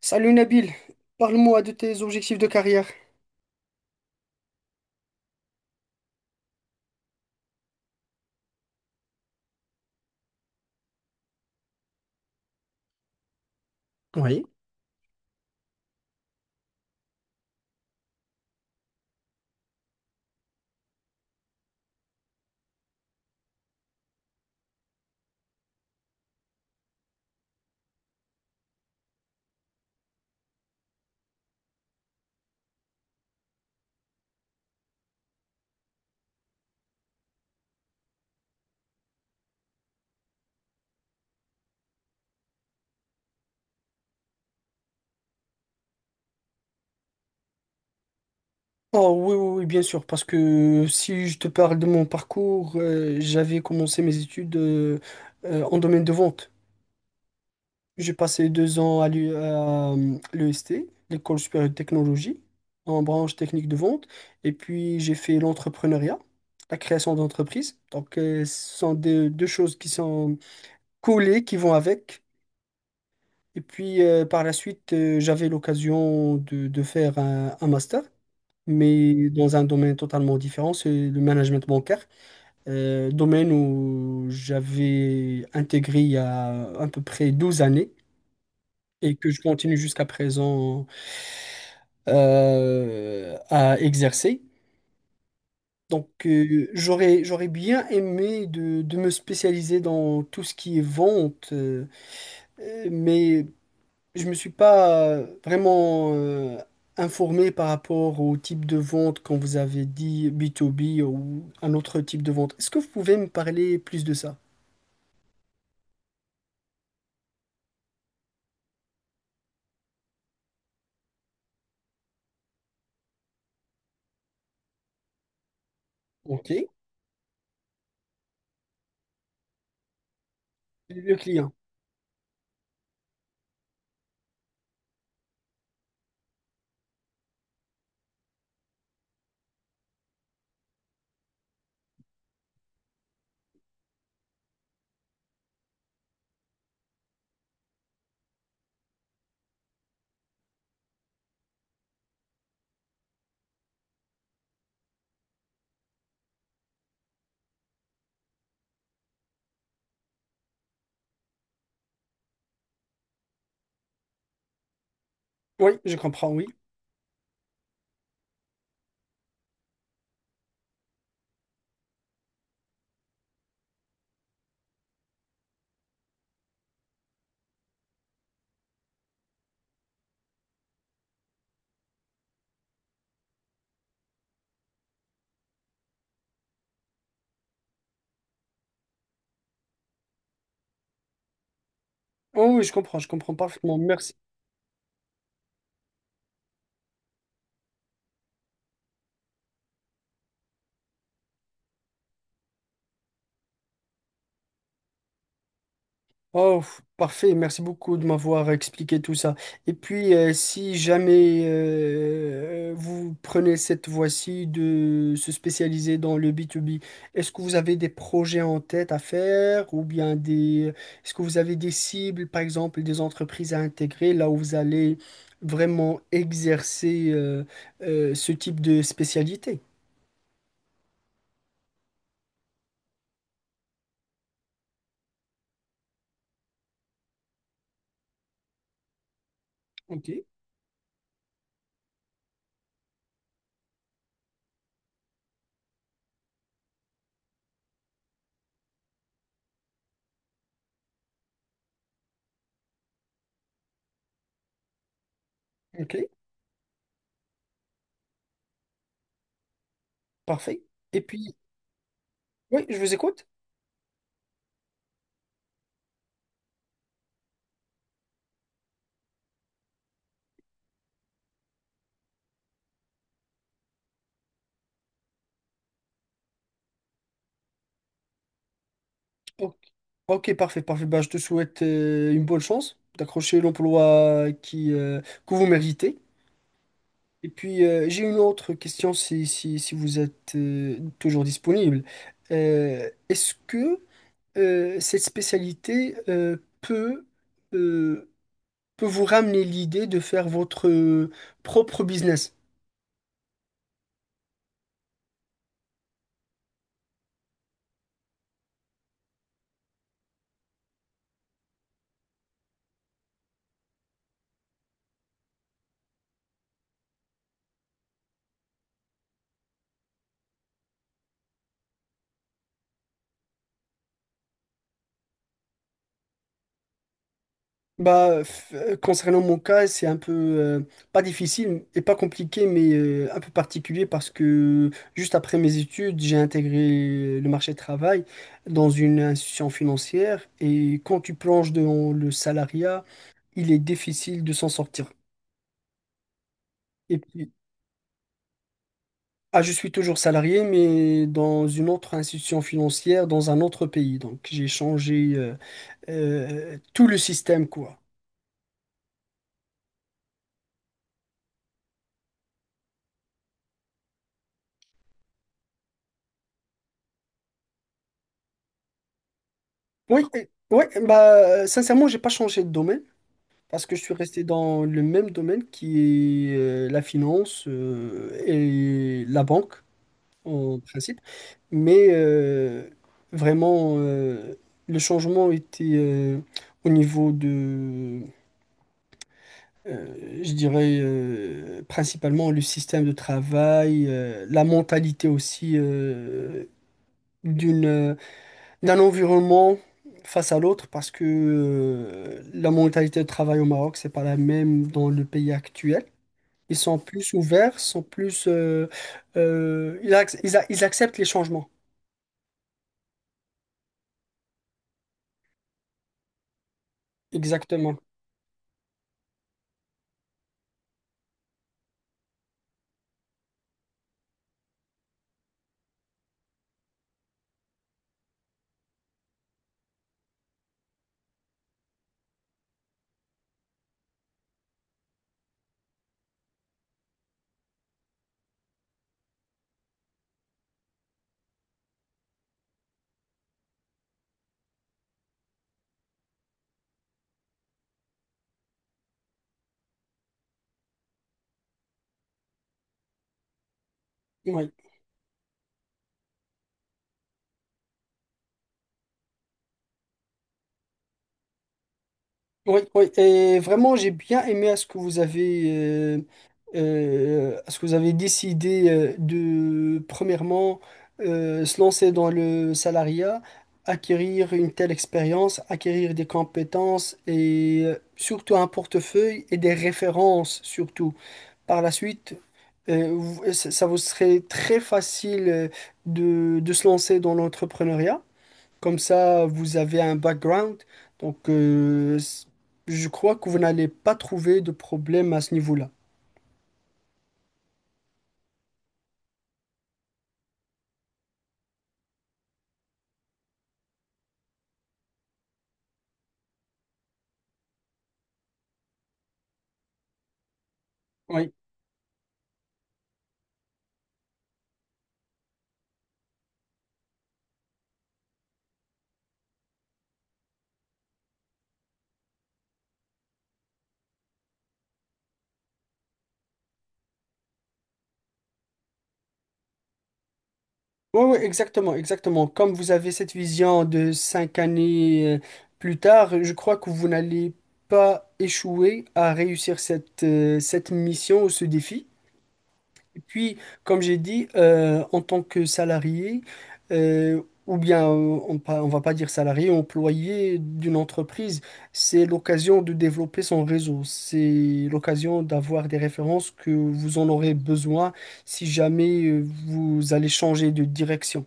Salut Nabil, parle-moi de tes objectifs de carrière. Oh oui, oui, oui, bien sûr, parce que si je te parle de mon parcours, j'avais commencé mes études en domaine de vente. J'ai passé deux ans à l'EST, l'École supérieure de technologie, en branche technique de vente, et puis j'ai fait l'entrepreneuriat, la création d'entreprise. Donc ce sont deux choses qui sont collées, qui vont avec. Et puis par la suite, j'avais l'occasion de faire un master, mais dans un domaine totalement différent, c'est le management bancaire, domaine où j'avais intégré il y a à peu près 12 années et que je continue jusqu'à présent à exercer. Donc, j'aurais bien aimé de me spécialiser dans tout ce qui est vente, mais je me suis pas vraiment informé par rapport au type de vente quand vous avez dit b to b ou un autre type de vente. Est-ce que vous pouvez me parler plus de ça? Ok. Le client. Oui, je comprends, oui. Oh, oui, je comprends parfaitement. Merci. Oh, parfait, merci beaucoup de m'avoir expliqué tout ça. Et puis, si jamais vous prenez cette voie-ci de se spécialiser dans le B2B, est-ce que vous avez des projets en tête à faire ou bien des... Est-ce que vous avez des cibles, par exemple, des entreprises à intégrer là où vous allez vraiment exercer ce type de spécialité? Ok. Ok, parfait. Et puis, oui, je vous écoute. Ok. Ok, parfait, parfait. Bah, je te souhaite une bonne chance d'accrocher l'emploi qui, que vous méritez. Et puis, j'ai une autre question si vous êtes toujours disponible. Est-ce que cette spécialité euh, peut vous ramener l'idée de faire votre propre business? Bah, concernant mon cas, c'est un peu pas difficile et pas compliqué, mais un peu particulier parce que juste après mes études, j'ai intégré le marché du travail dans une institution financière et quand tu plonges dans le salariat, il est difficile de s'en sortir. Et puis, ah, je suis toujours salarié, mais dans une autre institution financière, dans un autre pays. Donc, j'ai changé tout le système, quoi. Oui, et ouais, bah, sincèrement, j'ai pas changé de domaine. Parce que je suis resté dans le même domaine qui est la finance et la banque en principe, mais vraiment le changement était au niveau de, je dirais principalement le système de travail, la mentalité aussi d'une d'un environnement face à l'autre parce que la mentalité de travail au Maroc c'est pas la même dans le pays actuel. Ils sont plus ouverts, sont plus, ils, ac- ils a- ils acceptent les changements. Exactement. Oui, oui, oui. Et vraiment, j'ai bien aimé à ce que vous avez, à ce que vous avez décidé premièrement, se lancer dans le salariat, acquérir une telle expérience, acquérir des compétences et surtout un portefeuille et des références surtout. Par la suite, ça ça vous serait très facile de se lancer dans l'entrepreneuriat. Comme ça, vous avez un background. Donc, je crois que vous n'allez pas trouver de problème à ce niveau-là. Oui, oui, oui, exactement, exactement. Comme vous avez cette vision de 5 années plus tard, je crois que vous n'allez pas échouer à réussir cette mission ou ce défi. Et puis, comme j'ai dit, en tant que salarié, euh, ou bien on, pa- on va pas dire salarié, employé d'une entreprise, c'est l'occasion de développer son réseau. C'est l'occasion d'avoir des références que vous en aurez besoin si jamais vous allez changer de direction.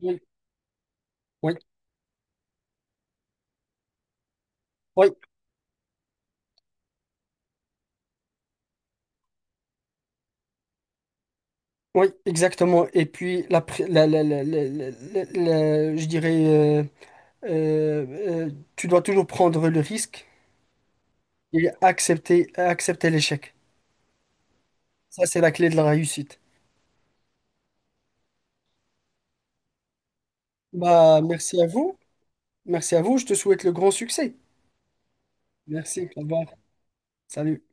Oui, oui, oui, oui, exactement. Et puis, la, pré- la- la- la- la- je dirais, euh, euh, tu dois toujours prendre le risque et accepter, accepter l'échec. Ça, c'est la clé de la réussite. Bah, merci à vous. Merci à vous. Je te souhaite le grand succès. Merci. Au revoir. Salut.